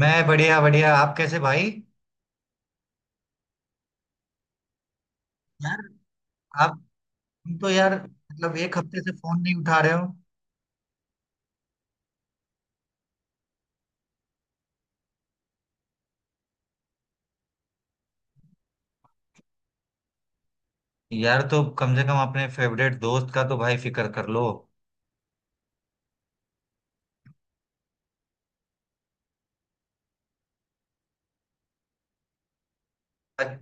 मैं बढ़िया बढ़िया। आप कैसे भाई? यार आप। तुम तो यार मतलब 1 हफ्ते से फोन नहीं उठा रहे हो। यार तो कम से कम अपने फेवरेट दोस्त का तो भाई फिक्र कर लो। अ-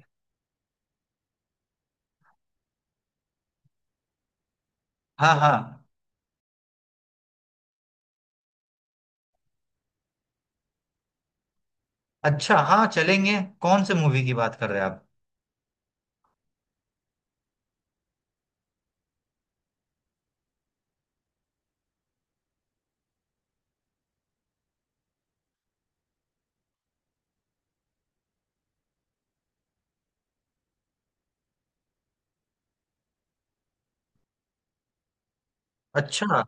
हाँ हाँ। अच्छा हाँ, चलेंगे। कौन से मूवी की बात कर रहे हैं आप? अच्छा।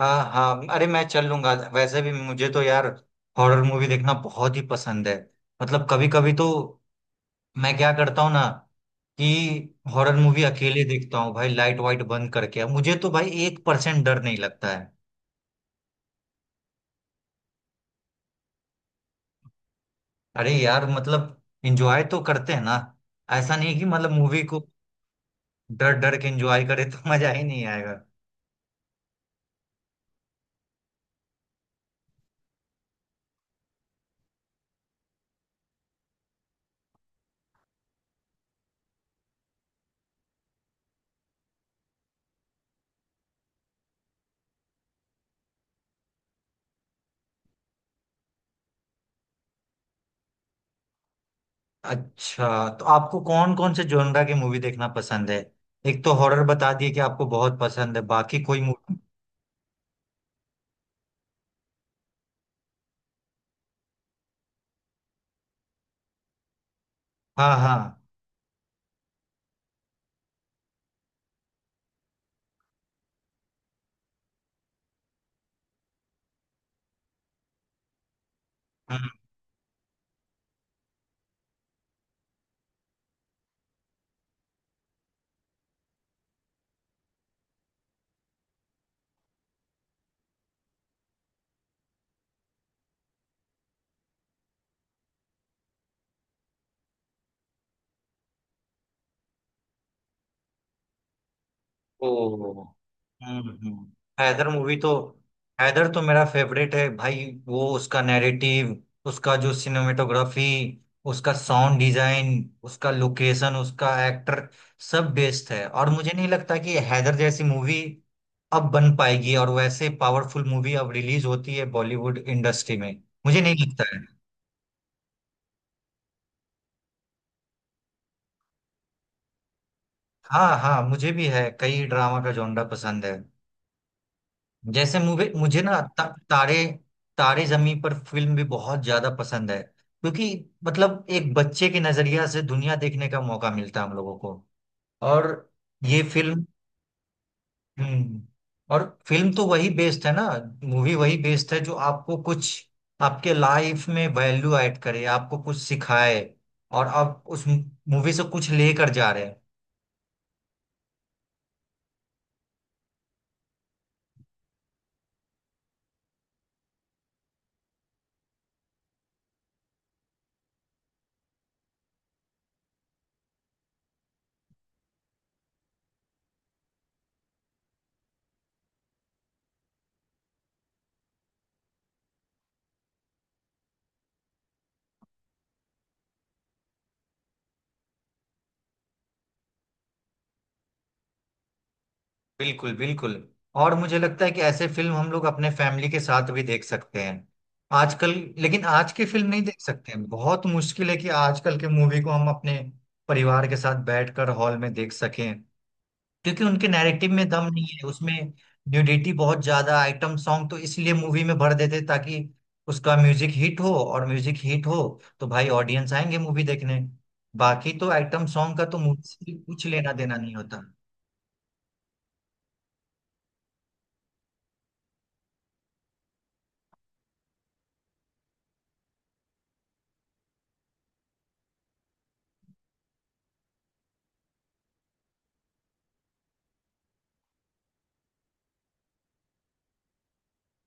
हाँ हाँ, अरे मैं चल लूंगा। वैसे भी मुझे तो यार हॉरर मूवी देखना बहुत ही पसंद है। मतलब कभी कभी तो मैं क्या करता हूँ ना कि हॉरर मूवी अकेले देखता हूँ भाई। लाइट वाइट बंद करके मुझे तो भाई 1% डर नहीं लगता। अरे यार मतलब एंजॉय तो करते हैं ना। ऐसा नहीं कि मतलब मूवी को डर डर के एंजॉय करे तो मजा ही नहीं आएगा। अच्छा, तो आपको कौन कौन से जोनरा की मूवी देखना पसंद है? एक तो हॉरर बता दिए कि आपको बहुत पसंद है, बाकी कोई मूवी? हाँ हाँ। ओ। हम्म हम्म। हैदर मूवी तो। हैदर तो मेरा फेवरेट है भाई। वो उसका नैरेटिव, उसका जो सिनेमेटोग्राफी, उसका साउंड डिजाइन, उसका लोकेशन, उसका एक्टर, सब बेस्ट है। और मुझे नहीं लगता कि हैदर जैसी मूवी अब बन पाएगी। और वैसे पावरफुल मूवी अब रिलीज होती है बॉलीवुड इंडस्ट्री में। मुझे नहीं लगता है। हाँ हाँ, मुझे भी है। कई ड्रामा का जॉनरा पसंद है। जैसे मुझे मुझे ना, ता, तारे तारे जमीन पर फिल्म भी बहुत ज्यादा पसंद है। क्योंकि मतलब एक बच्चे के नजरिया से दुनिया देखने का मौका मिलता है हम लोगों को। और ये फिल्म। हम्म। और फिल्म तो वही बेस्ड है ना। मूवी वही बेस्ड है जो आपको कुछ आपके लाइफ में वैल्यू ऐड करे, आपको कुछ सिखाए, और आप उस मूवी से कुछ लेकर जा रहे हैं। बिल्कुल बिल्कुल। और मुझे लगता है कि ऐसे फिल्म हम लोग अपने फैमिली के साथ भी देख सकते हैं आजकल। लेकिन आज की फिल्म नहीं देख सकते हैं। बहुत मुश्किल है कि आजकल के मूवी को हम अपने परिवार के साथ बैठकर हॉल में देख सकें। क्योंकि उनके नैरेटिव में दम नहीं है। उसमें न्यूडिटी बहुत ज्यादा, आइटम सॉन्ग तो इसलिए मूवी में भर देते ताकि उसका म्यूजिक हिट हो। और म्यूजिक हिट हो तो भाई ऑडियंस आएंगे मूवी देखने। बाकी तो आइटम सॉन्ग का तो मूवी से कुछ लेना देना नहीं होता।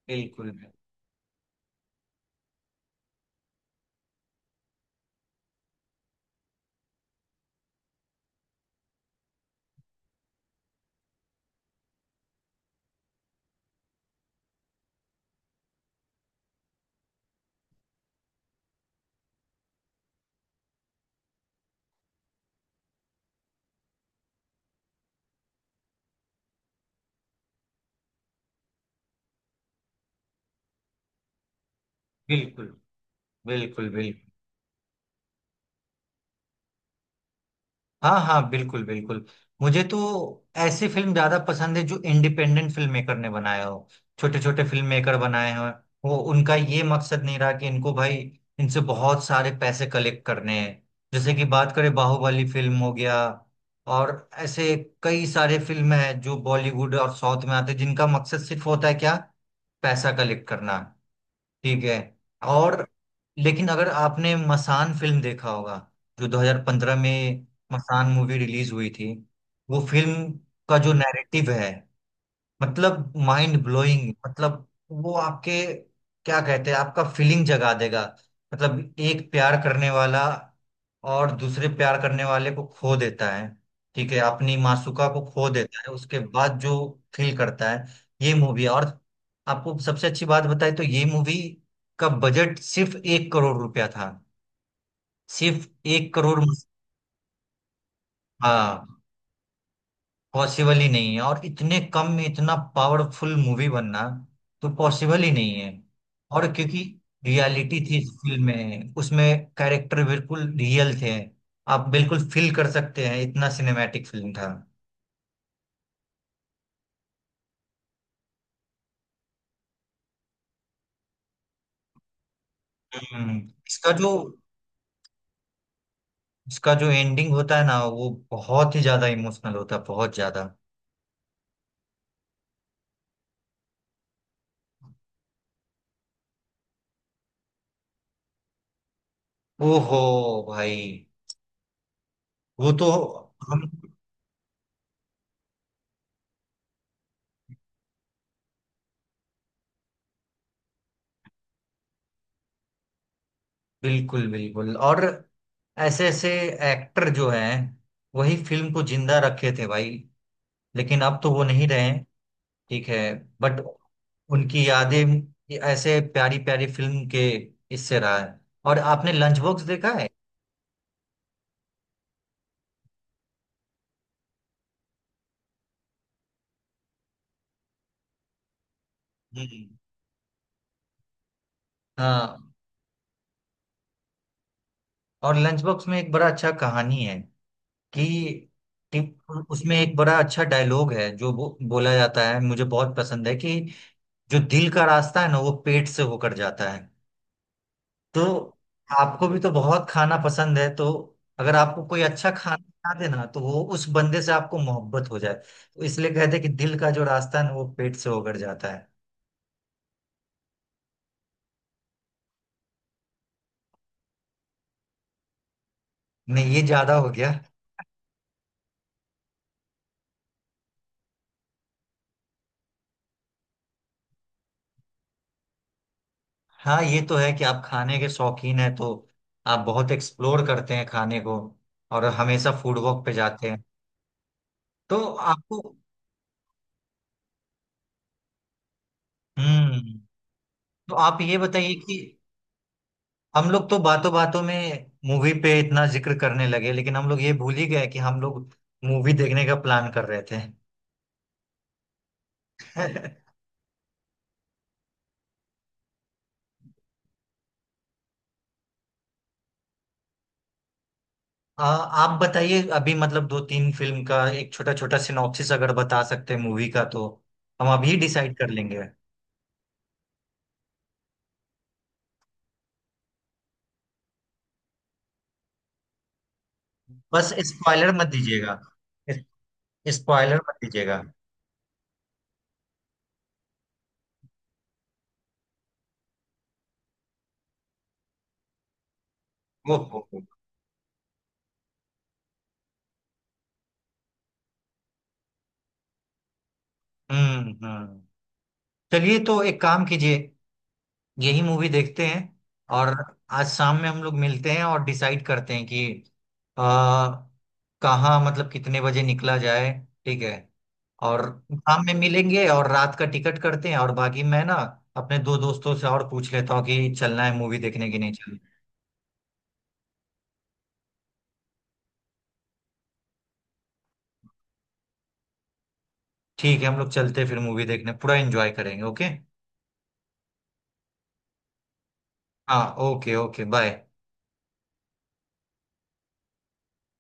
बिल्कुल बिल्कुल बिल्कुल बिल्कुल। हाँ हाँ, बिल्कुल बिल्कुल। मुझे तो ऐसी फिल्म ज्यादा पसंद है जो इंडिपेंडेंट फिल्म मेकर ने बनाया हो। छोटे छोटे फिल्म मेकर बनाए हो। वो उनका ये मकसद नहीं रहा कि इनको भाई इनसे बहुत सारे पैसे कलेक्ट करने हैं। जैसे कि बात करें बाहुबली फिल्म हो गया। और ऐसे कई सारे फिल्म हैं जो बॉलीवुड और साउथ में आते हैं जिनका मकसद सिर्फ होता है क्या? पैसा कलेक्ट करना। ठीक है। और लेकिन अगर आपने मसान फिल्म देखा होगा, जो 2015 में मसान मूवी रिलीज हुई थी। वो फिल्म का जो नैरेटिव है, मतलब माइंड ब्लोइंग। मतलब वो आपके, क्या कहते हैं, आपका फीलिंग जगा देगा। मतलब एक प्यार करने वाला और दूसरे प्यार करने वाले को खो देता है, ठीक है, अपनी मासूका को खो देता है। उसके बाद जो फील करता है ये मूवी। और आपको सबसे अच्छी बात बताए तो ये मूवी का बजट सिर्फ 1 करोड़ रुपया था। सिर्फ 1 करोड़। हाँ, पॉसिबल ही नहीं है। और इतने कम में इतना पावरफुल मूवी बनना तो पॉसिबल ही नहीं है। और क्योंकि रियलिटी थी इस फिल्म में, उसमें कैरेक्टर बिल्कुल रियल थे। आप बिल्कुल फील कर सकते हैं, इतना सिनेमैटिक फिल्म था। हम्म, इसका जो इसका जो एंडिंग होता है ना वो बहुत ही ज्यादा इमोशनल होता है, बहुत ज्यादा। ओहो भाई, वो तो। हम, बिल्कुल बिल्कुल। और ऐसे ऐसे एक्टर जो हैं वही फिल्म को जिंदा रखे थे भाई। लेकिन अब तो वो नहीं रहे हैं, ठीक है, बट उनकी यादें ये ऐसे प्यारी प्यारी फिल्म के इससे रहा है। और आपने लंच बॉक्स देखा है? हम्म। हाँ, और लंच बॉक्स में एक बड़ा अच्छा कहानी है कि, कि उसमें एक बड़ा अच्छा डायलॉग है जो बोला जाता है, मुझे बहुत पसंद है कि जो दिल का रास्ता है ना वो पेट से होकर जाता है। तो आपको भी तो बहुत खाना पसंद है। तो अगर आपको कोई अच्छा खाना खिला देना तो वो उस बंदे से आपको मोहब्बत हो जाए। तो इसलिए कहते हैं कि दिल का जो रास्ता है ना वो पेट से होकर जाता है। नहीं ये ज्यादा हो गया। हाँ, ये तो है कि आप खाने के शौकीन हैं। तो आप बहुत एक्सप्लोर करते हैं खाने को। और हमेशा फूड वॉक पे जाते हैं। तो आपको। हम्म। तो आप ये बताइए कि हम लोग तो बातों बातों में मूवी पे इतना जिक्र करने लगे लेकिन हम लोग ये भूल ही गए कि हम लोग मूवी देखने का प्लान कर रहे थे। आप बताइए। अभी मतलब दो तीन फिल्म का एक छोटा छोटा सिनॉप्सिस अगर बता सकते हैं मूवी का तो हम अभी डिसाइड कर लेंगे। बस स्पॉइलर मत दीजिएगा। स्पॉइलर मत दीजिएगा। ओहो। हम्म। चलिए तो एक काम कीजिए, यही मूवी देखते हैं। और आज शाम में हम लोग मिलते हैं और डिसाइड करते हैं कि आ, कहाँ मतलब कितने बजे निकला जाए। ठीक है। और शाम में मिलेंगे और रात का टिकट करते हैं। और बाकी मैं ना अपने दो दोस्तों से और पूछ लेता हूँ कि चलना है मूवी देखने की नहीं चलना। ठीक है, हम लोग चलते हैं फिर मूवी देखने। पूरा एंजॉय करेंगे। ओके। हाँ ओके ओके बाय।